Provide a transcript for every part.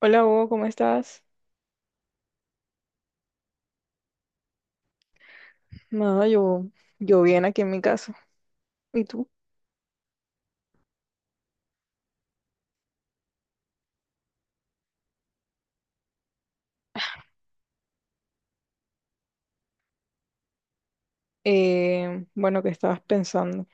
Hola Hugo, ¿cómo estás? Nada, yo bien aquí en mi casa. ¿Y tú? Bueno, ¿qué estabas pensando?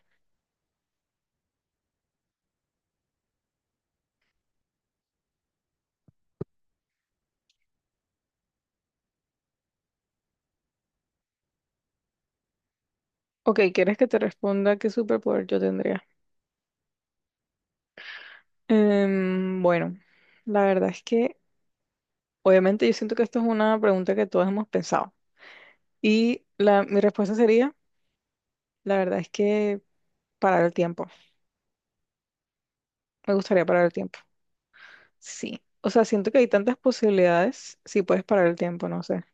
Ok, ¿quieres que te responda qué superpoder yo tendría? Bueno, la verdad es que obviamente yo siento que esto es una pregunta que todos hemos pensado. Y mi respuesta sería, la verdad es que parar el tiempo. Me gustaría parar el tiempo. Sí. O sea, siento que hay tantas posibilidades si puedes parar el tiempo, no sé.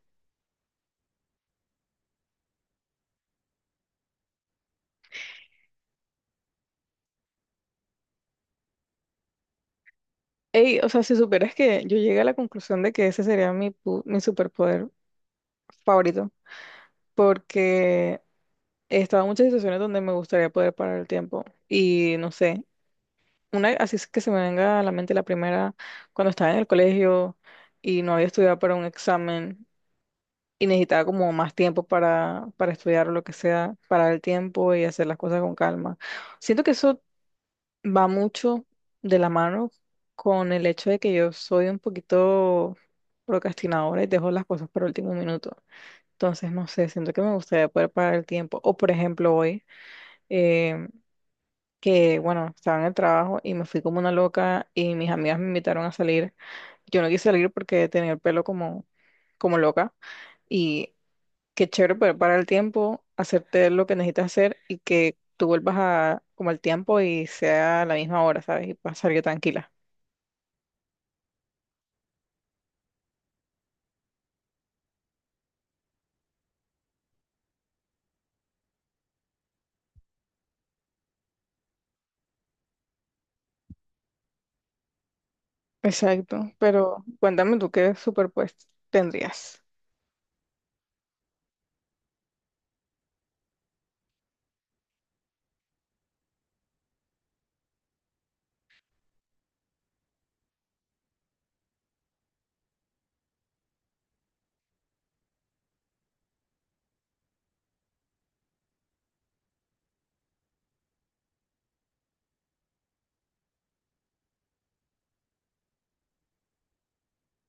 Ey, o sea, si supieras que yo llegué a la conclusión de que ese sería mi superpoder favorito, porque he estado en muchas situaciones donde me gustaría poder parar el tiempo y no sé, una así es que se me venga a la mente la primera, cuando estaba en el colegio y no había estudiado para un examen y necesitaba como más tiempo para estudiar o lo que sea, parar el tiempo y hacer las cosas con calma. Siento que eso va mucho de la mano con el hecho de que yo soy un poquito procrastinadora y dejo las cosas para último minuto. Entonces, no sé, siento que me gustaría poder parar el tiempo. O, por ejemplo, hoy, eh, que, bueno, estaba en el trabajo y me fui como una loca y mis amigas me invitaron a salir. Yo no quise salir porque tenía el pelo como loca. Y qué chévere poder parar el tiempo, hacerte lo que necesitas hacer y que tú vuelvas a como al tiempo y sea a la misma hora, ¿sabes? Y pasar yo tranquila. Exacto, pero cuéntame tú qué superpuesto tendrías.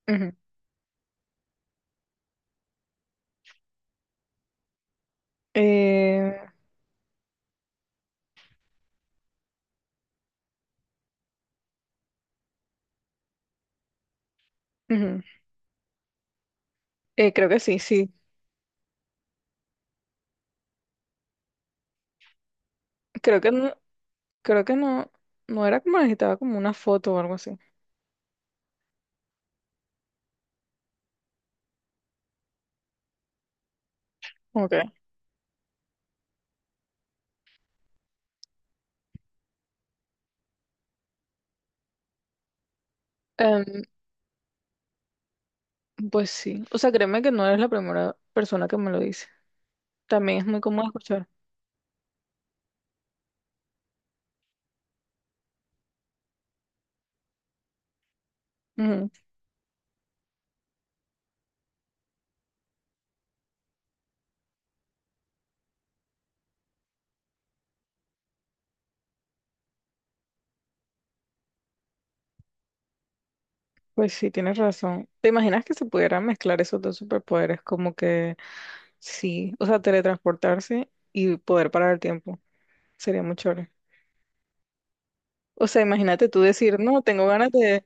Ujú. Eh, ujú. Creo que sí, sí. Creo que no, creo que no, no era como necesitaba como una foto o algo así. Ok. Em, pues sí. O sea, créeme que no eres la primera persona que me lo dice. También es muy cómodo escuchar. Pues sí, tienes razón. ¿Te imaginas que se pudieran mezclar esos dos superpoderes? Como que sí, o sea, teletransportarse y poder parar el tiempo. Sería muy chévere. O sea, imagínate tú decir, no, tengo ganas de,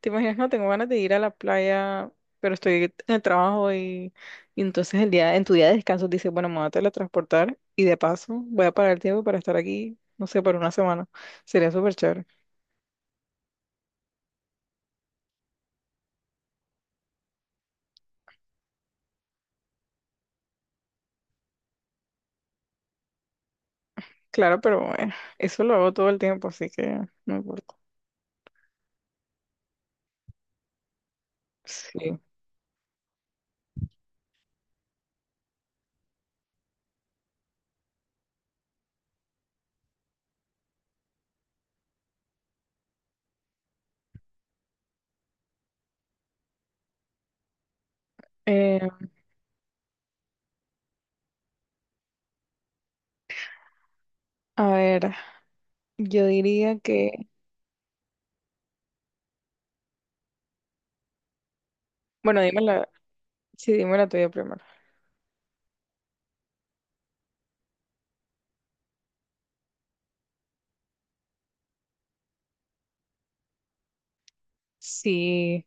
te imaginas, no, tengo ganas de ir a la playa, pero estoy en el trabajo y entonces en tu día de descanso dices, bueno, me voy a teletransportar y de paso voy a parar el tiempo para estar aquí, no sé, por una semana. Sería súper chévere. Claro, pero bueno, eso lo hago todo el tiempo, así que no importa. Sí. A ver, yo diría que, bueno, dime sí, dime la tuya primero. Sí,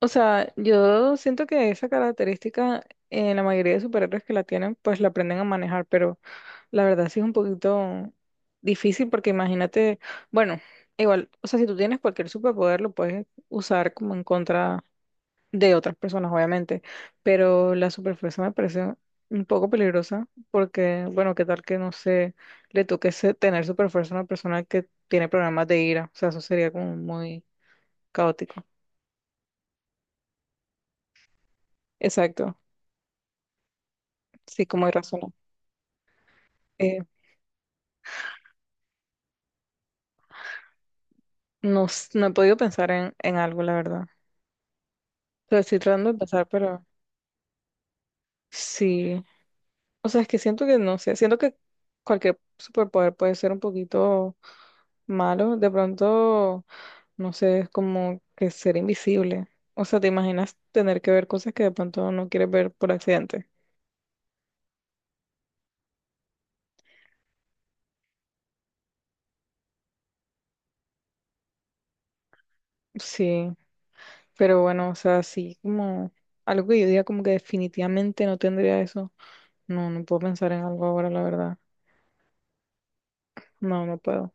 o sea, yo siento que esa característica en la mayoría de superhéroes que la tienen, pues la aprenden a manejar, pero la verdad sí es un poquito difícil porque imagínate, bueno, igual, o sea, si tú tienes cualquier superpoder lo puedes usar como en contra de otras personas, obviamente, pero la superfuerza me parece un poco peligrosa porque, bueno, qué tal que no sé, le toque tener superfuerza a una persona que tiene problemas de ira, o sea, eso sería como muy caótico. Exacto, sí, como hay razón. Eh, no, no he podido pensar en algo, la verdad. O sea, estoy tratando de pensar, pero sí, o sea, es que siento que no sé, siento que cualquier superpoder puede ser un poquito malo, de pronto. No sé, es como que ser invisible. O sea, te imaginas tener que ver cosas que de pronto no quieres ver por accidente. Sí, pero bueno, o sea, sí, como algo que yo diga como que definitivamente no tendría eso. No, no puedo pensar en algo ahora, la verdad. No, no puedo.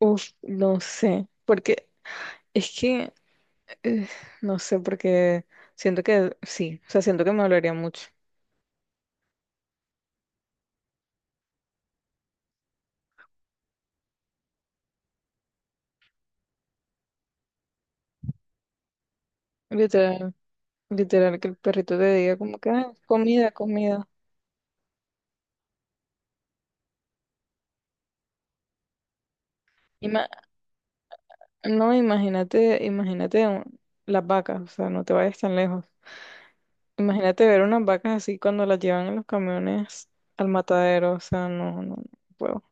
Uf, no sé, porque es que, eh, no sé, porque siento que sí, o sea, siento que me dolería mucho. Literal, literal, que el perrito te diga como que, "Ah, comida, comida. No, imagínate, imagínate las vacas, o sea, no te vayas tan lejos. Imagínate ver unas vacas así cuando las llevan en los camiones al matadero, o sea, no, no, no puedo,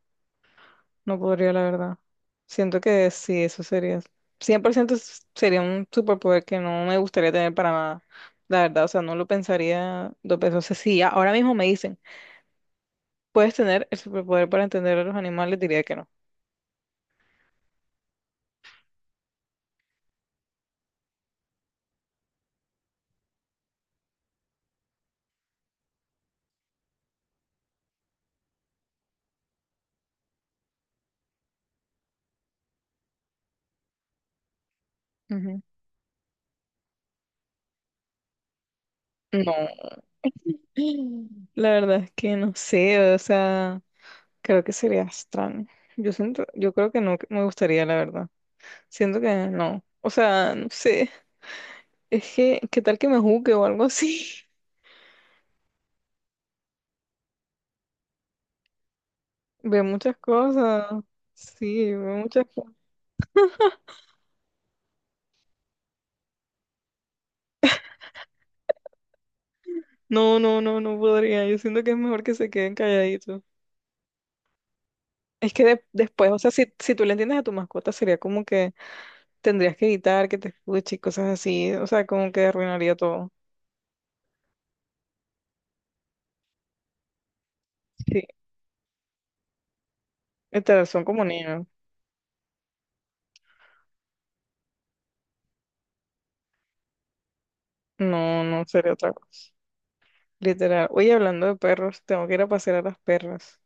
no podría, la verdad. Siento que sí, eso sería, 100% sería un superpoder que no me gustaría tener para nada, la verdad, o sea, no lo pensaría dos veces. O sea, si ahora mismo me dicen, ¿puedes tener el superpoder para entender a los animales? Diría que no. Ujú. No. La verdad es que no sé, o sea, creo que sería extraño. Yo siento, yo creo que no me gustaría, la verdad. Siento que no. O sea, no sé. Es que, ¿qué tal que me juzgue o algo así? Veo muchas cosas. Sí, veo muchas cosas. No, no, no, no podría. Yo siento que es mejor que se queden calladitos. Es que después, o sea, si, si tú le entiendes a tu mascota, sería como que tendrías que evitar que te escuche y cosas así. O sea, como que arruinaría todo. Sí, literal, son como niños. No, no sería otra cosa. Literal. Oye, hablando de perros, tengo que ir a pasear a las perras.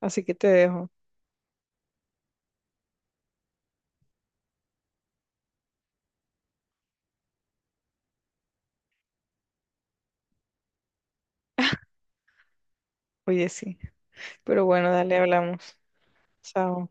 Así que te dejo. Oye, sí. Pero bueno, dale, hablamos. Chao.